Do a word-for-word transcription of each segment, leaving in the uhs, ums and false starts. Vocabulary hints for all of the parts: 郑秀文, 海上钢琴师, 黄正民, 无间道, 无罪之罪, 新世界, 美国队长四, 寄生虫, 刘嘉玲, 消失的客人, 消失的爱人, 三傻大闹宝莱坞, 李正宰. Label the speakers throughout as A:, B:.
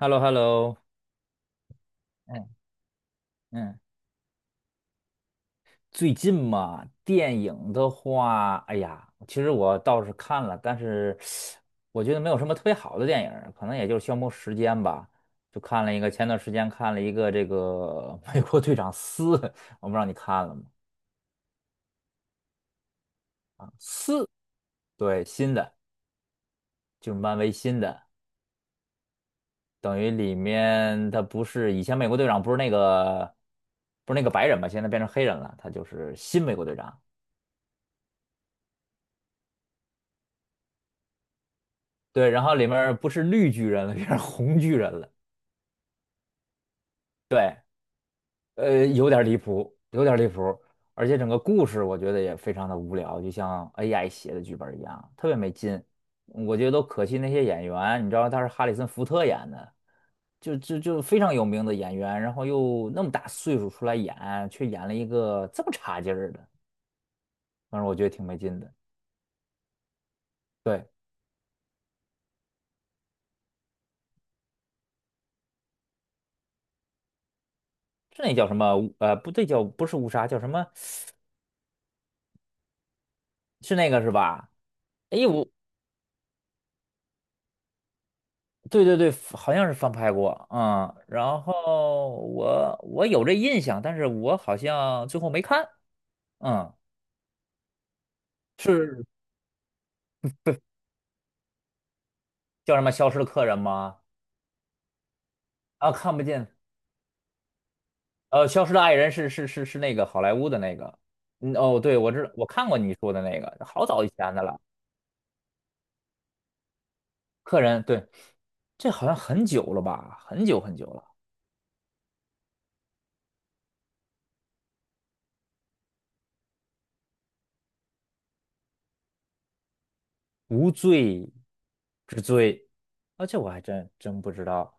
A: h e l l o h e l l o 嗯嗯，最近嘛，电影的话，哎呀，其实我倒是看了，但是我觉得没有什么特别好的电影儿可能也就是消磨时间吧。就看了一个，前段时间看了一个这个《美国队长四》，我不知道你看了吗？四，对，新的，就是漫威新的，等于里面他不是以前美国队长不是那个不是那个白人嘛，现在变成黑人了，他就是新美国队长。对，然后里面不是绿巨人了，变成红巨人了。对，呃，有点离谱，有点离谱，而且整个故事我觉得也非常的无聊，就像 A I 写的剧本一样，特别没劲。我觉得都可惜那些演员，你知道他是哈里森福特演的，就就就非常有名的演员，然后又那么大岁数出来演，却演了一个这么差劲儿的，反正我觉得挺没劲的。对，是那叫什么？呃，不对，叫不是乌纱，叫什么？是那个是吧？哎，我对对对，好像是翻拍过啊，嗯，然后我我有这印象，但是我好像最后没看，嗯，是叫什么《消失的客人》吗？啊，看不见，呃，《消失的爱人》是是是是那个好莱坞的那个，嗯，哦，对，我知道，我看过你说的那个，好早以前的了，《客人》，对，这好像很久了吧，很久很久了，《无罪之罪》啊，这我还真真不知道，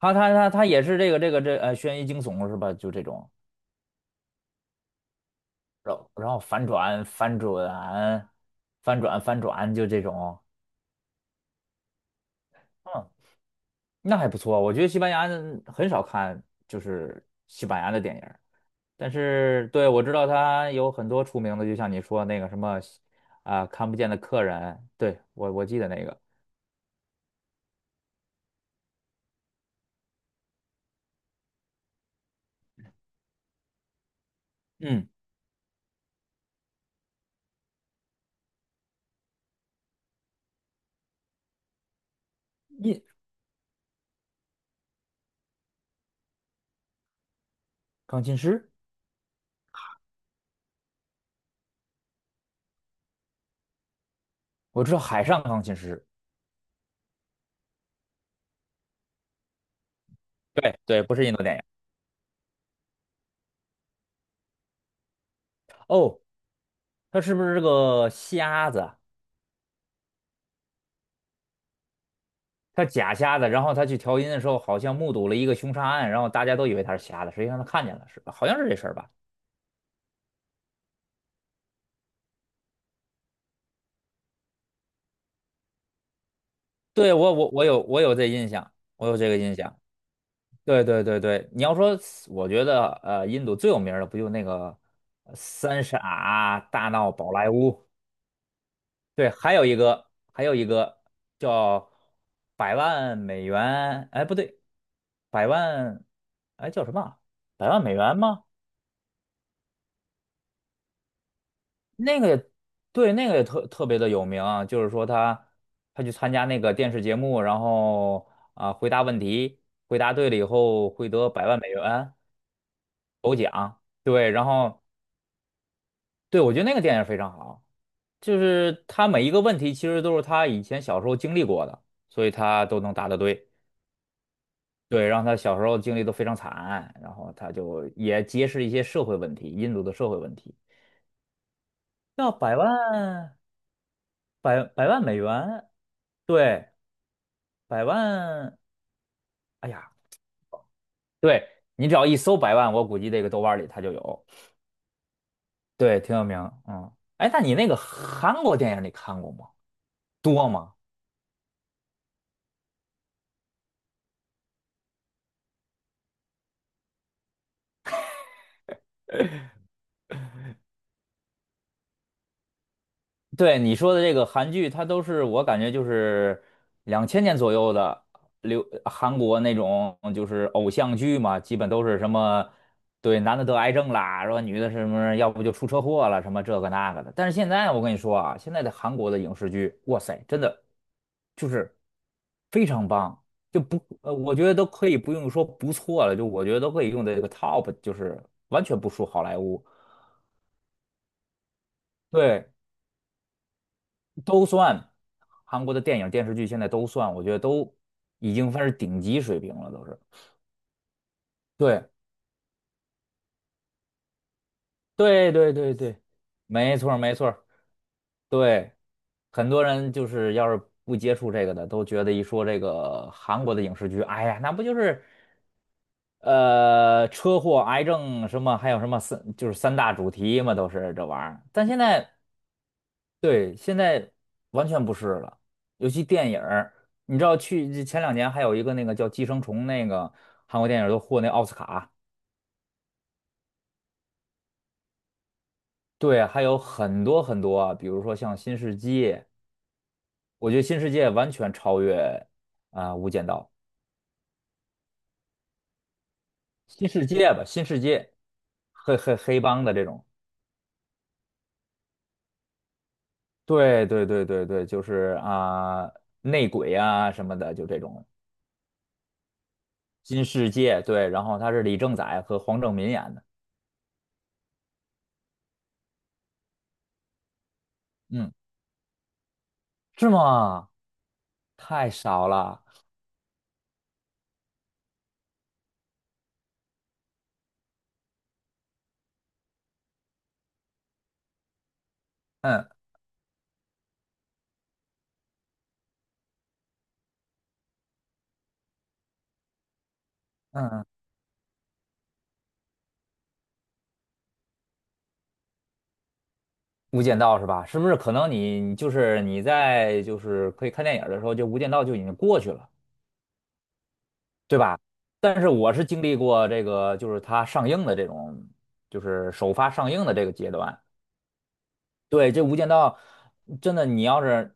A: 他他他他也是这个这个这呃悬疑惊悚是吧？就这种。然后然后反转反转反转反转就这种，嗯，那还不错。我觉得西班牙人很少看就是西班牙的电影儿，但是对，我知道他有很多出名的，就像你说那个什么啊、看不见的客人，对，我我记得那个，嗯，印钢琴师，我知道海上钢琴师，对对，不是印度电影哦，他是不是这个瞎子啊？他假瞎的，然后他去调音的时候，好像目睹了一个凶杀案，然后大家都以为他是瞎的，实际上他看见了，是吧？好像是这事儿吧？对，我我我有我有这印象，我有这个印象。对对对对，你要说，我觉得呃，印度最有名儿的不就那个呃三傻大闹宝莱坞？对，还有一个还有一个叫百万美元，哎不对，百万哎叫什么啊百万美元吗？那个也对，那个也特特别的有名啊，就是说他他去参加那个电视节目，然后啊、回答问题，回答对了以后会得百万美元头奖。对，然后对，我觉得那个电影非常好，就是他每一个问题其实都是他以前小时候经历过的，所以他都能答得对。对，让他小时候经历都非常惨，然后他就也揭示一些社会问题，印度的社会问题。要百万百百万美元，对。百万，哎呀，对，你只要一搜百万，我估计这个豆瓣里它就有，对，挺有名，嗯，哎，那你那个韩国电影你看过吗？多吗？对，你说的这个韩剧，它都是我感觉就是两千年左右的流韩国那种就是偶像剧嘛，基本都是什么对男的得癌症啦，然后女的什么要不就出车祸了，什么这个那个的。但是现在我跟你说啊，现在的韩国的影视剧，哇塞，真的就是非常棒，就不呃，我觉得都可以不用说不错了，就我觉得都可以用在这个 top，就是完全不输好莱坞。对，都算，韩国的电影、电视剧，现在都算，我觉得都已经算是顶级水平了，都是。对，对，对，对，对，没错儿没错儿，对。很多人就是要是不接触这个的，都觉得一说这个韩国的影视剧，哎呀，那不就是呃车祸、癌症什么，还有什么三就是三大主题嘛，都是这玩意儿。但现在对，现在完全不是了，尤其电影儿，你知道去前两年还有一个那个叫《寄生虫》，那个韩国电影儿都获那奥斯卡，对，还有很多很多啊比如说像《新世界》，我觉得《新世界》完全超越啊、无间道》，《新世界》吧，《新世界》黑黑黑帮的这种，对对对对对，就是啊、内鬼啊什么的，就这种《新世界》，对，然后他是李正宰和黄正民演的，嗯，是吗？太少了，嗯嗯，《无间道》是吧？是不是可能你你就是你在就是可以看电影儿的时候，就《无间道》就已经过去了，对吧？但是我是经历过这个，就是它上映的这种，就是首发上映的这个阶段。对，这《无间道》真的，你要是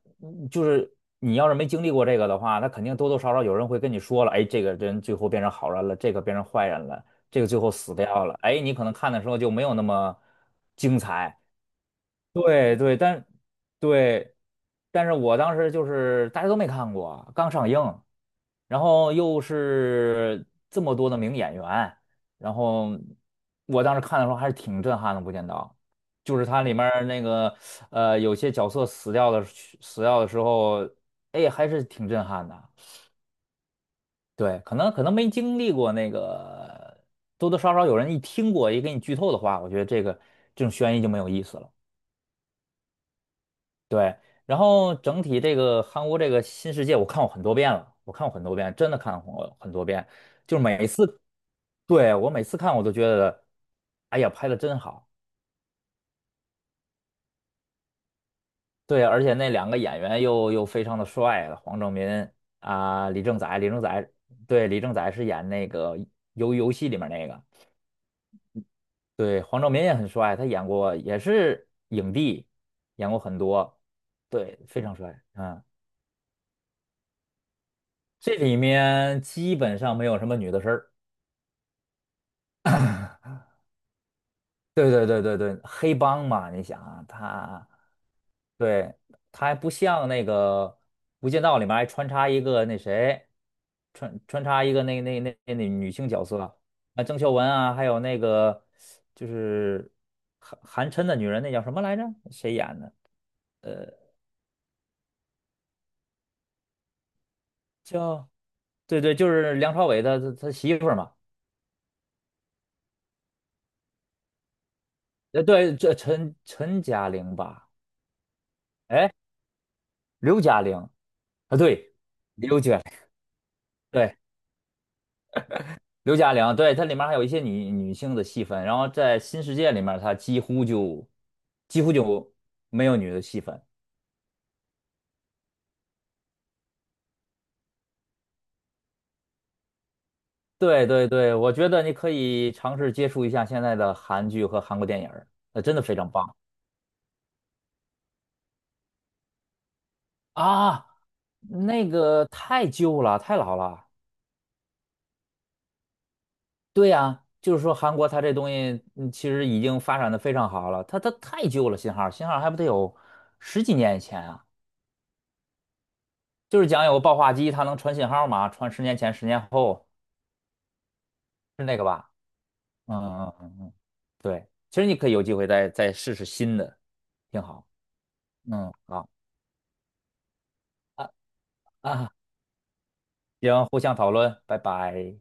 A: 就是你要是没经历过这个的话，那肯定多多少少有人会跟你说了，哎，这个人最后变成好人了，这个变成坏人了，这个最后死掉了，哎，你可能看的时候就没有那么精彩。对对，但对，但是我当时就是大家都没看过，刚上映，然后又是这么多的名演员，然后我当时看的时候还是挺震撼的，《无间道》就是它里面儿那个呃，有些角色死掉的时死掉的时候，哎，还是挺震撼的。对，可能可能没经历过那个，多多少少有人一听过，也给你剧透的话，我觉得这个这种悬疑就没有意思了。对，然后整体这个韩国这个新世界，我看过很多遍了，我看过很多遍，真的看过很多遍，就是每一次，对，我每次看我都觉得，哎呀，拍的真好，对，而且那两个演员又又非常的帅了，黄正民啊、李正宰，李正宰，对，李正宰是演那个游游戏里面那个，对，黄正民也很帅，他演过也是影帝，演过很多，对，非常帅，嗯，这里面基本上没有什么女的事儿。对对对对对，黑帮嘛，你想啊，他，对，他还不像那个《无间道》里面还穿插一个那谁，穿穿插一个那那那那女性角色啊，郑秀文啊，还有那个就是韩韩琛的女人，那叫什么来着？谁演的？叫对对，就是梁朝伟他他他媳妇儿嘛，呃，对，这陈陈嘉玲吧，哎，刘嘉玲啊，对，刘嘉玲，对。刘嘉玲，对，它里面还有一些女女性的戏份，然后在新世界里面，它几乎就几乎就没有女的戏份。对对对，我觉得你可以尝试接触一下现在的韩剧和韩国电影儿，那真的非常棒啊！那个太旧了，太老了。对呀，就是说韩国它这东西嗯其实已经发展的非常好了，它它太旧了，信号信号还不得有十几年以前啊，就是讲有个报话机，它能传信号吗？传十年前、十年后是那个吧？嗯嗯嗯嗯，对，其实你可以有机会再再试试新的，挺好。嗯，好啊啊，行，互相讨论，拜拜。